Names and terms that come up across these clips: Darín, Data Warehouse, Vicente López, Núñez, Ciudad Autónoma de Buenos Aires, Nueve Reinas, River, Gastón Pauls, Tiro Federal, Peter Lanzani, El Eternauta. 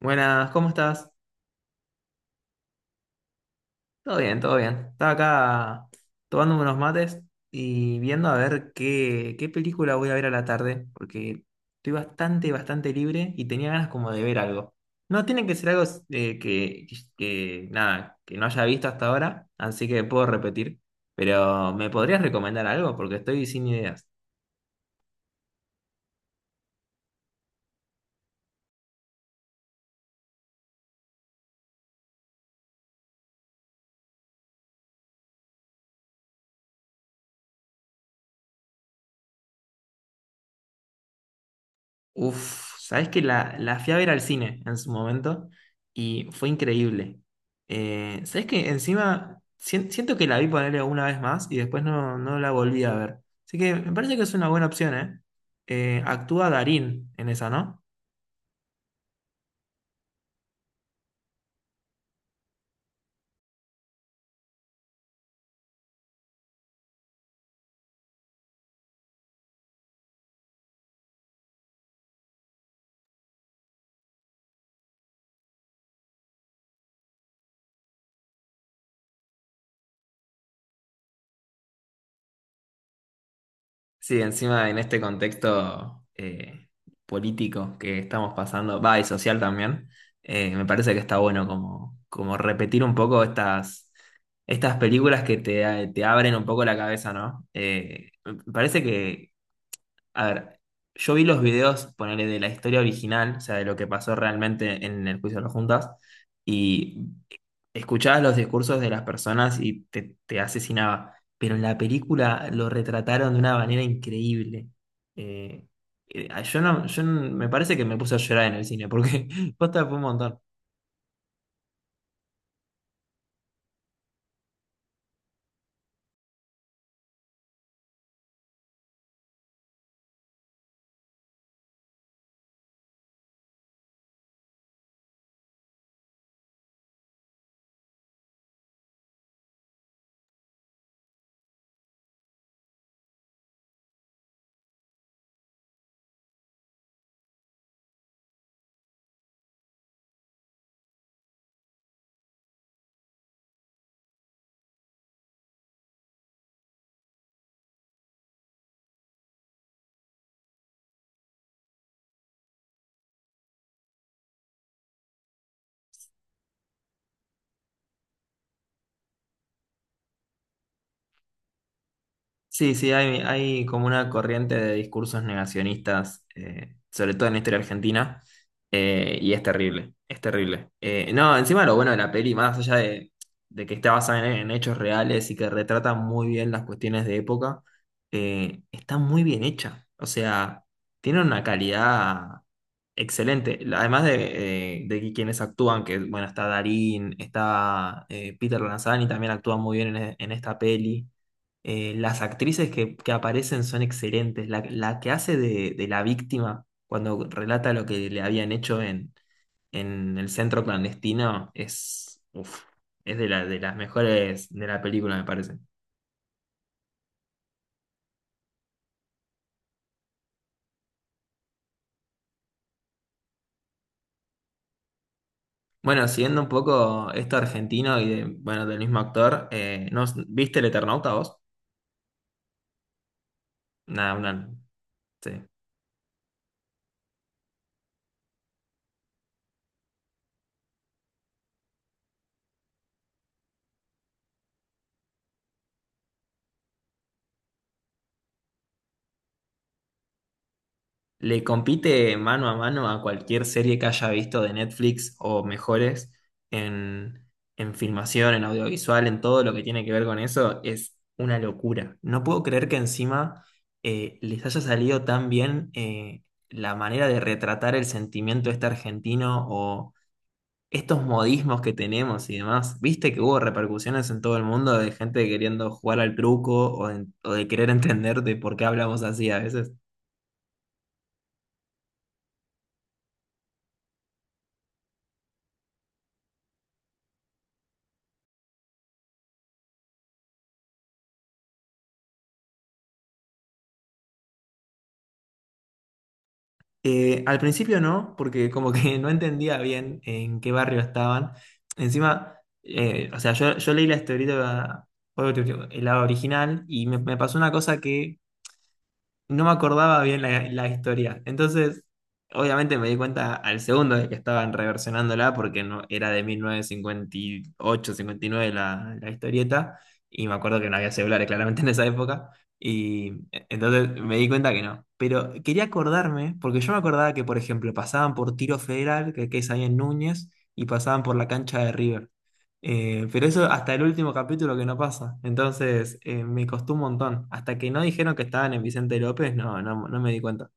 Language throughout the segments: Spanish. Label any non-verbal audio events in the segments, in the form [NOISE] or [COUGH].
Buenas, ¿cómo estás? Todo bien, todo bien. Estaba acá tomándome unos mates y viendo a ver qué película voy a ver a la tarde, porque estoy bastante, bastante libre y tenía ganas como de ver algo. No tiene que ser algo eh, que, que no haya visto hasta ahora, así que puedo repetir, pero ¿me podrías recomendar algo? Porque estoy sin ideas. Uf, sabes que la fui a ver al cine en su momento y fue increíble. Sabes que encima siento que la vi ponerle una vez más y después no la volví a ver. Así que me parece que es una buena opción, ¿eh? Actúa Darín en esa, ¿no? Sí, encima en este contexto político que estamos pasando, va, y social también. Me parece que está bueno como, como repetir un poco estas películas que te abren un poco la cabeza, ¿no? Me parece que, a ver, yo vi los videos, ponele, de la historia original, o sea, de lo que pasó realmente en el juicio de las juntas, y escuchabas los discursos de las personas y te asesinaba. Pero en la película lo retrataron de una manera increíble. Eh, yo no, yo no- me parece que me puse a llorar en el cine, porque [LAUGHS] posta fue un montón. Sí, sí, hay como una corriente de discursos negacionistas, sobre todo en la historia argentina, y es terrible, es terrible. No, encima lo bueno de la peli, más allá de que está basada en hechos reales y que retrata muy bien las cuestiones de época, está muy bien hecha. O sea, tiene una calidad excelente. Además de quienes actúan, que bueno, está Darín, está Peter Lanzani, también actúa muy bien en esta peli. Las actrices que aparecen son excelentes. La que hace de la víctima cuando relata lo que le habían hecho en el centro clandestino es, uf, es de las mejores de la película, me parece. Bueno, siguiendo un poco esto argentino y bueno, del mismo actor, ¿no, ¿viste El Eternauta vos? Nada, una, sí. Le compite mano a mano a cualquier serie que haya visto de Netflix o mejores en, en filmación, en audiovisual, en todo lo que tiene que ver con eso. Es una locura. No puedo creer que encima les haya salido tan bien, la manera de retratar el sentimiento este argentino o estos modismos que tenemos y demás. Viste que hubo repercusiones en todo el mundo de gente queriendo jugar al truco o de querer [LAUGHS] entender de por qué hablamos así a veces. Al principio no, porque como que [LAUGHS] no entendía bien en qué barrio estaban. Encima, o sea, yo leí la historieta, obviamente, el lado original, y me pasó una cosa que no me acordaba bien la historia. Entonces, obviamente me di cuenta al segundo de que estaban reversionándola porque no, era de 1950, 1958, 1959 la historieta, y me acuerdo que no había celulares claramente en esa época, y entonces me di cuenta que no. Pero quería acordarme porque yo me acordaba que, por ejemplo, pasaban por Tiro Federal, que es ahí en Núñez, y pasaban por la cancha de River. Pero eso hasta el último capítulo que no pasa. Entonces, me costó un montón. Hasta que no dijeron que estaban en Vicente López, no, no, no me di cuenta.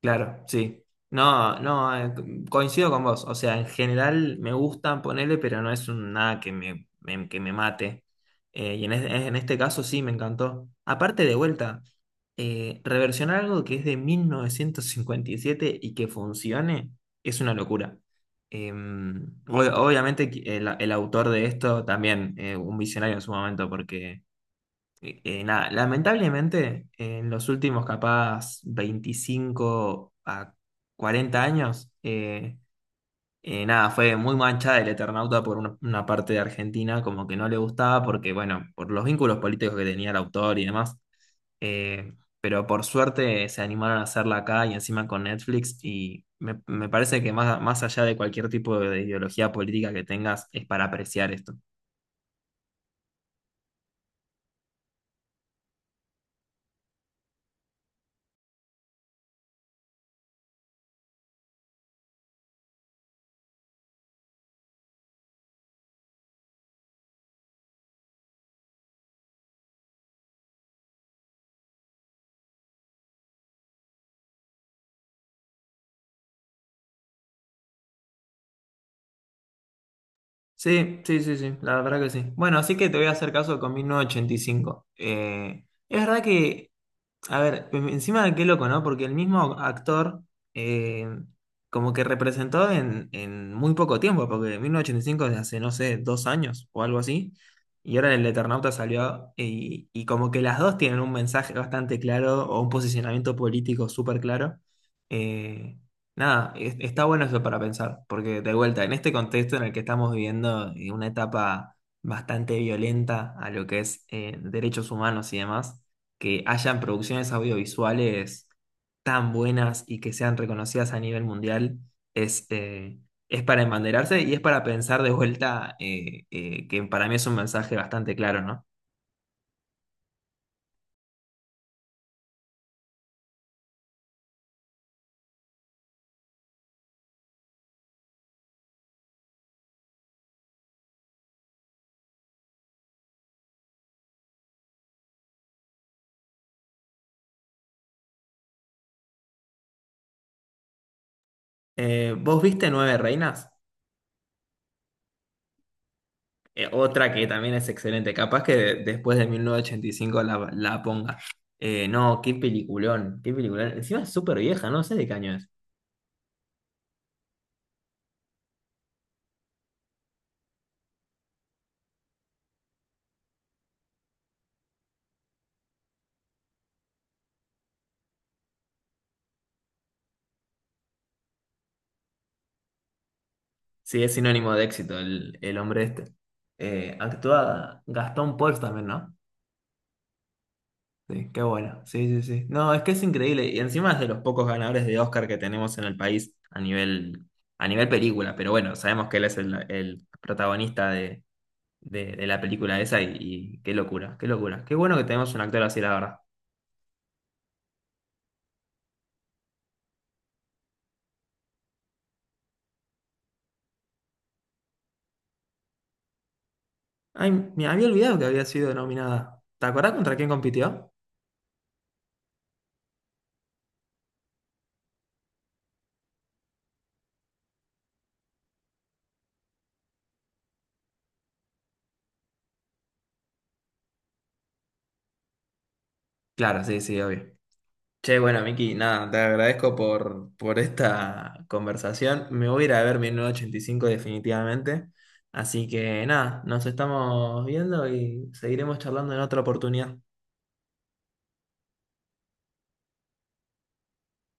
Claro, sí. No, no, coincido con vos. O sea, en general me gustan ponerle, pero no es nada que que me mate. Y en este caso sí, me encantó. Aparte de vuelta, reversionar algo que es de 1957 y que funcione es una locura. Obviamente que el autor de esto también, un visionario en su momento. Nada, lamentablemente en los últimos capaz 25 a 40 años, nada, fue muy manchada el Eternauta por una parte de Argentina, como que no le gustaba porque, bueno, por los vínculos políticos que tenía el autor y demás. Eh, pero por suerte se animaron a hacerla acá y encima con Netflix, y me parece que más allá de cualquier tipo de ideología política que tengas, es para apreciar esto. Sí, sí, sí, sí, la verdad que sí. Bueno, así que te voy a hacer caso con 1985. Es verdad que, a ver, encima qué loco, ¿no? Porque el mismo actor, eh, como que representó en muy poco tiempo, porque 1985 es hace, no sé, 2 años o algo así, y ahora el Eternauta salió, y como que las dos tienen un mensaje bastante claro o un posicionamiento político súper claro. Eh, Nada, está bueno eso para pensar, porque de vuelta, en este contexto en el que estamos viviendo, una etapa bastante violenta a lo que es, derechos humanos y demás, que hayan producciones audiovisuales tan buenas y que sean reconocidas a nivel mundial es, eh, es para embanderarse, y es para pensar de vuelta, que para mí es un mensaje bastante claro, ¿no? ¿Vos viste Nueve Reinas? Otra que también es excelente, capaz que después de 1985 la ponga. No, qué peliculón, qué peliculón. Encima es súper vieja, no sé de qué año es. Sí, es sinónimo de éxito el hombre este. Actúa Gastón Pauls también, ¿no? Sí, qué bueno. Sí, sí, sí. No, es que es increíble. Y encima es de los pocos ganadores de Oscar que tenemos en el país a nivel película. Pero bueno, sabemos que él es el protagonista de la película esa, y qué locura, qué locura. Qué bueno que tenemos un actor así, la verdad. Ay, me había olvidado que había sido nominada. ¿Te acordás contra quién compitió? Claro, sí, sí, obvio. Che, bueno, Miki, nada, te agradezco por esta conversación. Me voy a ir a ver 1985 definitivamente. Así que nada, nos estamos viendo y seguiremos charlando en otra oportunidad.